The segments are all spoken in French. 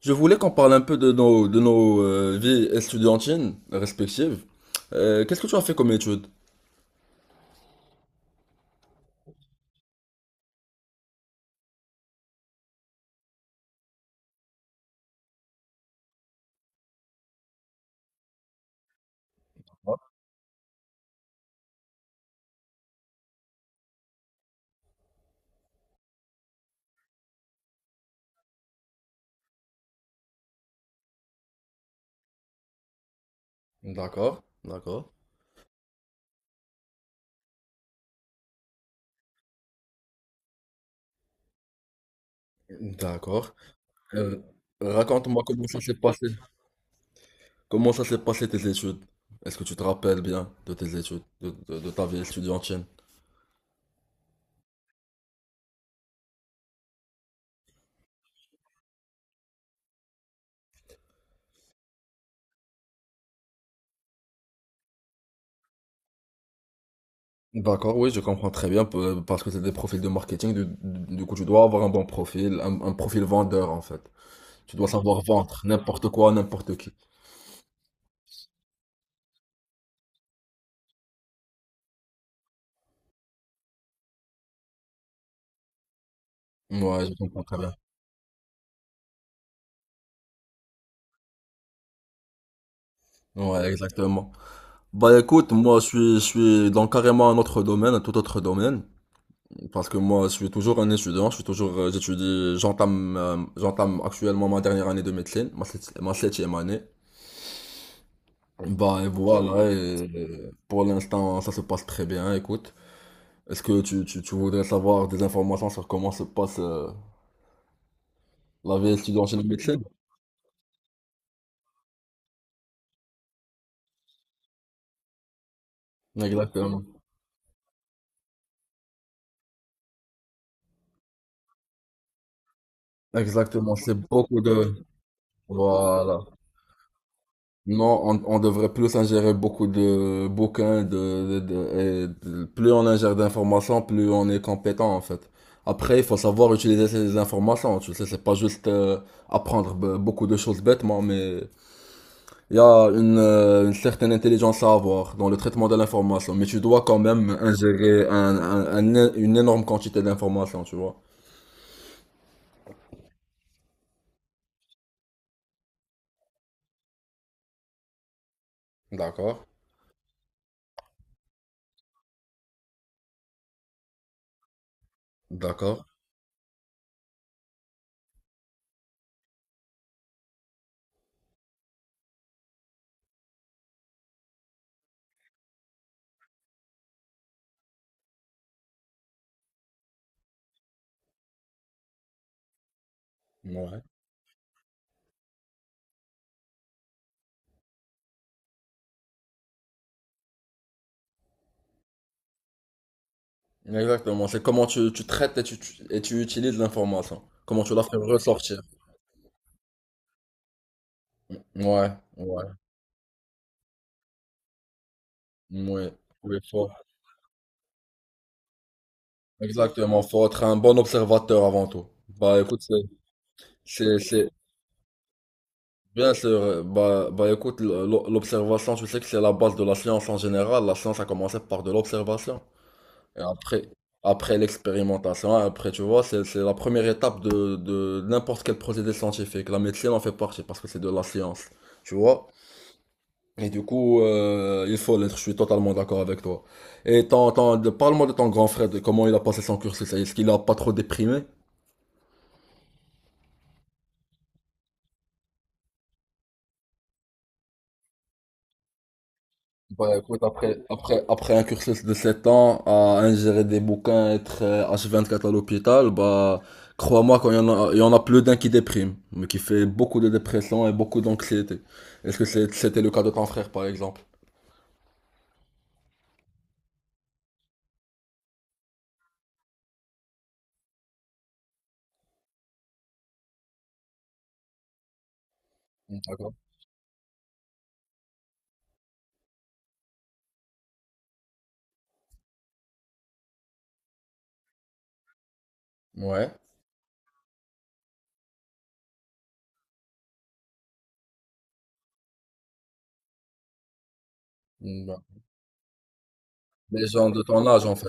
Je voulais qu'on parle un peu de nos vies étudiantines respectives. Qu'est-ce que tu as fait comme étude? D'accord, d'accord. D'accord. Euh, Raconte-moi comment ça s'est passé. Comment ça s'est passé tes études? Est-ce que tu te rappelles bien de tes études, de ta vie étudiantine? D'accord, oui, je comprends. Très bien parce que c'est des profils de marketing. Du coup, tu dois avoir un bon profil, un profil vendeur en fait. Tu dois savoir vendre n'importe quoi, à n'importe qui. Ouais, je comprends très bien. Ouais, exactement. Bah écoute, moi je suis dans carrément un autre domaine, un tout autre domaine, parce que moi je suis toujours un étudiant, j'étudie, j'entame actuellement ma dernière année de médecine, ma septième année. Bah et voilà, pour l'instant ça se passe très bien, écoute. Est-ce que tu voudrais savoir des informations sur comment se passe la vie étudiante en médecine? Exactement. Exactement, c'est beaucoup de. Voilà. Non, on devrait plus ingérer beaucoup de bouquins, plus on ingère d'informations, plus on est compétent en fait. Après, il faut savoir utiliser ces informations, tu sais, c'est pas juste apprendre beaucoup de choses bêtement, mais il y a une certaine intelligence à avoir dans le traitement de l'information, mais tu dois quand même ingérer une énorme quantité d'informations, tu vois. D'accord, d'accord, ouais. Exactement, c'est comment tu traites et tu utilises l'information, comment tu la fais ressortir. Ouais, ouais, ouais, oui, exactement, faut être un bon observateur avant tout. Bah écoute, c'est, c'est- bien sûr, bah écoute, l'observation, tu sais que c'est la base de la science en général, la science a commencé par de l'observation, et après l'expérimentation, après, tu vois, c'est la première étape de n'importe quel procédé scientifique, la médecine en fait partie, parce que c'est de la science, tu vois? Et du coup, il faut l'être, je suis totalement d'accord avec toi. Et parle-moi de ton grand frère, de comment il a passé son cursus. Est-ce qu'il a pas trop déprimé? Bah écoute, après un cursus de 7 ans à ingérer des bouquins, être H24 à l'hôpital, bah crois-moi qu'il y en a plus d'un qui déprime, mais qui fait beaucoup de dépression et beaucoup d'anxiété. Est-ce que c'était le cas de ton frère par exemple? D'accord. Ouais. Mm, bah. Les gens de ton âge en fait.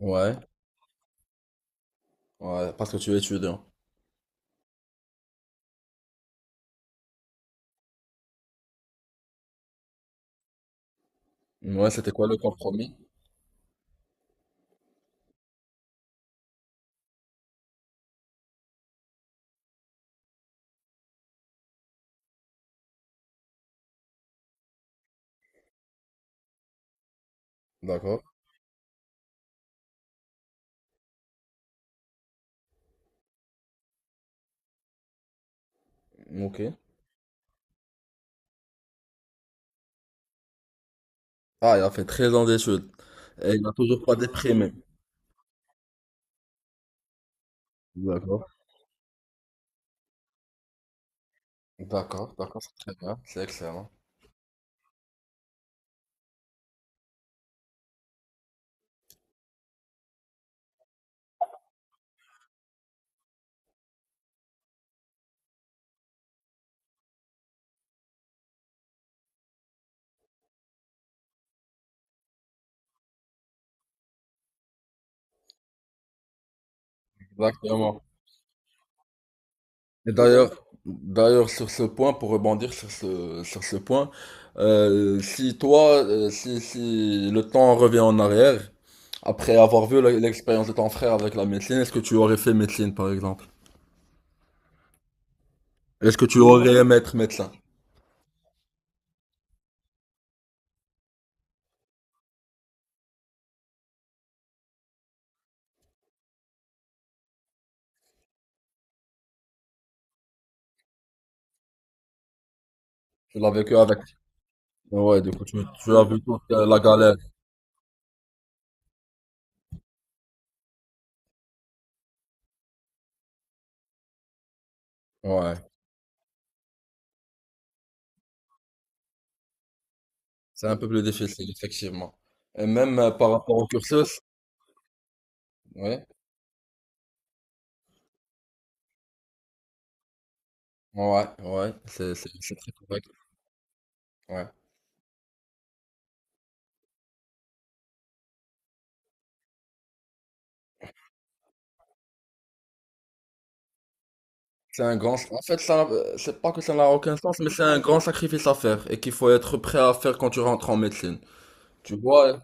Ouais. Ouais, parce que tu es étudiant. Ouais, c'était quoi le compromis? D'accord. Ok. Ah, il a fait 13 ans d'études. Et il n'a toujours pas déprimé. D'accord. D'accord, d'accord, c'est très bien. C'est excellent. Exactement. Et d'ailleurs, sur ce point, pour rebondir sur ce point, si toi, si le temps revient en arrière, après avoir vu l'expérience de ton frère avec la médecine, est-ce que tu aurais fait médecine, par exemple? Est-ce que tu aurais aimé être médecin? Tu l'as vécu avec. Ouais, du coup, tu as vu toute la galère. Ouais. C'est un peu plus difficile, effectivement. Et même par rapport au cursus, ouais, ouais, ouais, c'est très correct. Ouais. C'est un grand, en fait, ça, c'est pas que ça n'a aucun sens, mais c'est un grand sacrifice à faire et qu'il faut être prêt à faire quand tu rentres en médecine. Tu vois,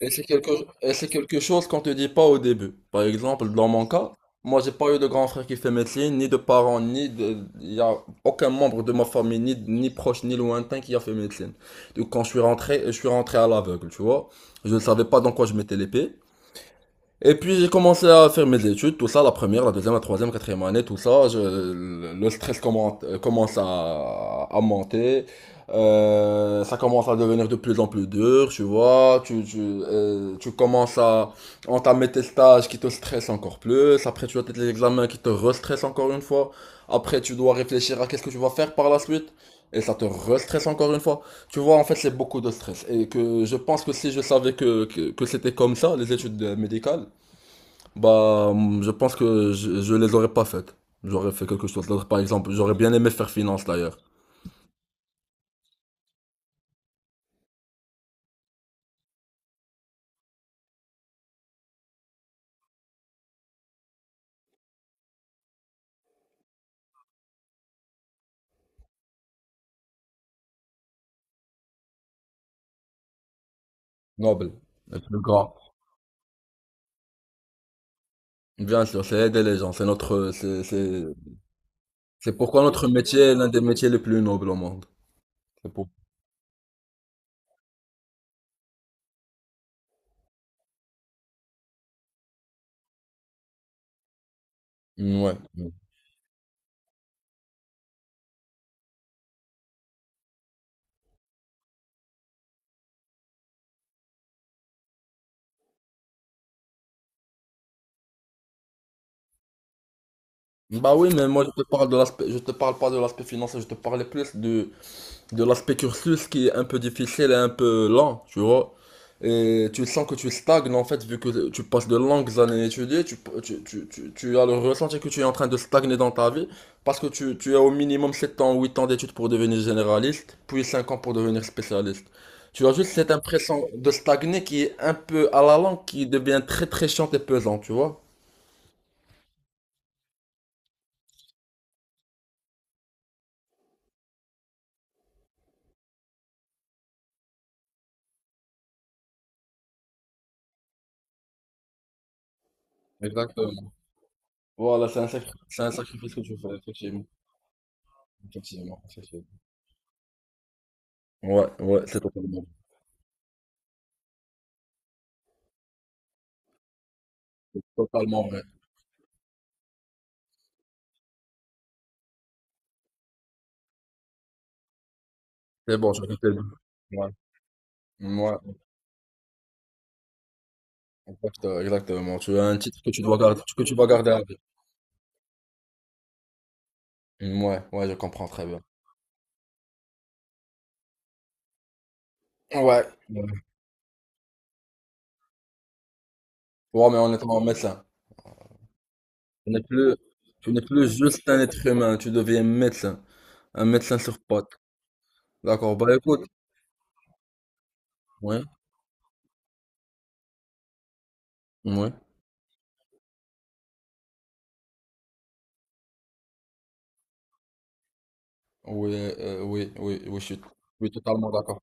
Et c'est quelque, et c'est quelque chose qu'on te dit pas au début. Par exemple, dans mon cas, moi j'ai pas eu de grand frère qui fait médecine, ni de parents, ni de, il y a aucun membre de ma famille, ni proche, ni lointain qui a fait médecine. Donc quand je suis rentré à l'aveugle, tu vois. Je ne savais pas dans quoi je mettais l'épée. Et puis j'ai commencé à faire mes études, tout ça, la première, la deuxième, la troisième, quatrième année, tout ça. Le stress commence à monter. Ça commence à devenir de plus en plus dur, tu vois. Tu commences à entamer tes stages qui te stressent encore plus. Après, tu as tes examens qui te restressent encore une fois. Après, tu dois réfléchir à qu'est-ce que tu vas faire par la suite. Et ça te restresse encore une fois. Tu vois, en fait, c'est beaucoup de stress. Et que je pense que si je savais que c'était comme ça, les études médicales, bah, je pense que je les aurais pas faites. J'aurais fait quelque chose d'autre. Par exemple, j'aurais bien aimé faire finance d'ailleurs. Noble. Le plus grand. Bien sûr, c'est aider les gens. C'est pourquoi notre métier est l'un des métiers les plus nobles au monde. C'est pour. Ouais. Bah oui, mais moi je te parle de l'aspect, je te parle pas de l'aspect financier, je te parlais plus de l'aspect cursus qui est un peu difficile et un peu lent, tu vois. Et tu sens que tu stagnes en fait, vu que tu passes de longues années à étudier, tu as le ressenti que tu es en train de stagner dans ta vie, parce que tu as au minimum 7 ans, 8 ans d'études pour devenir généraliste, puis 5 ans pour devenir spécialiste. Tu as juste cette impression de stagner qui est un peu à la langue, qui devient très très chiante et pesante, tu vois. Exactement. Voilà, c'est un sacrifice que tu fais, effectivement. Effectivement, effectivement. Ouais, ouais, c'est totalement, totalement vrai. C'est bon, j'en ai fait deux. Ouais. Ouais, exactement. Tu as un titre que tu dois garder, que tu dois garder à vie. Ouais, ouais, je comprends très bien. Ouais. Ouais. Ouais, mais on est en médecin. Tu n'es plus, tu n'es plus juste un être humain, tu deviens médecin, un médecin sur pattes. D'accord, bah écoute, ouais, ouais, oui, oui, oui, oui, je suis totalement d'accord.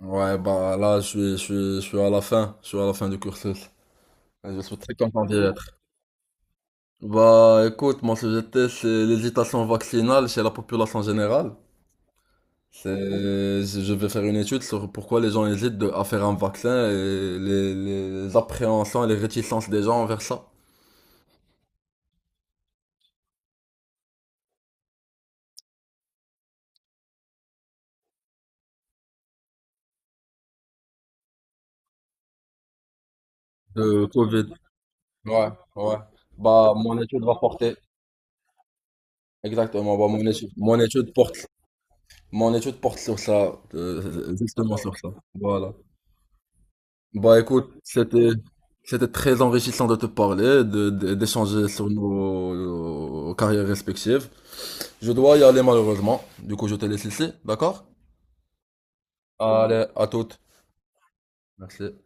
Ouais, bah là, je suis à la fin, du cursus. Je suis très content d'y être. Bah écoute, mon sujet de thèse, c'est l'hésitation vaccinale chez la population générale. Je vais faire une étude sur pourquoi les gens hésitent à faire un vaccin et les appréhensions et les réticences des gens envers ça. Le Covid. Ouais, ouais. Bah mon étude va porter. Exactement. Bah mon étude porte sur ça, justement sur ça. Voilà. Bah écoute, c'était très enrichissant de te parler, d'échanger sur nos carrières respectives. Je dois y aller malheureusement, du coup je te laisse ici, d'accord? Allez, à toutes. Merci.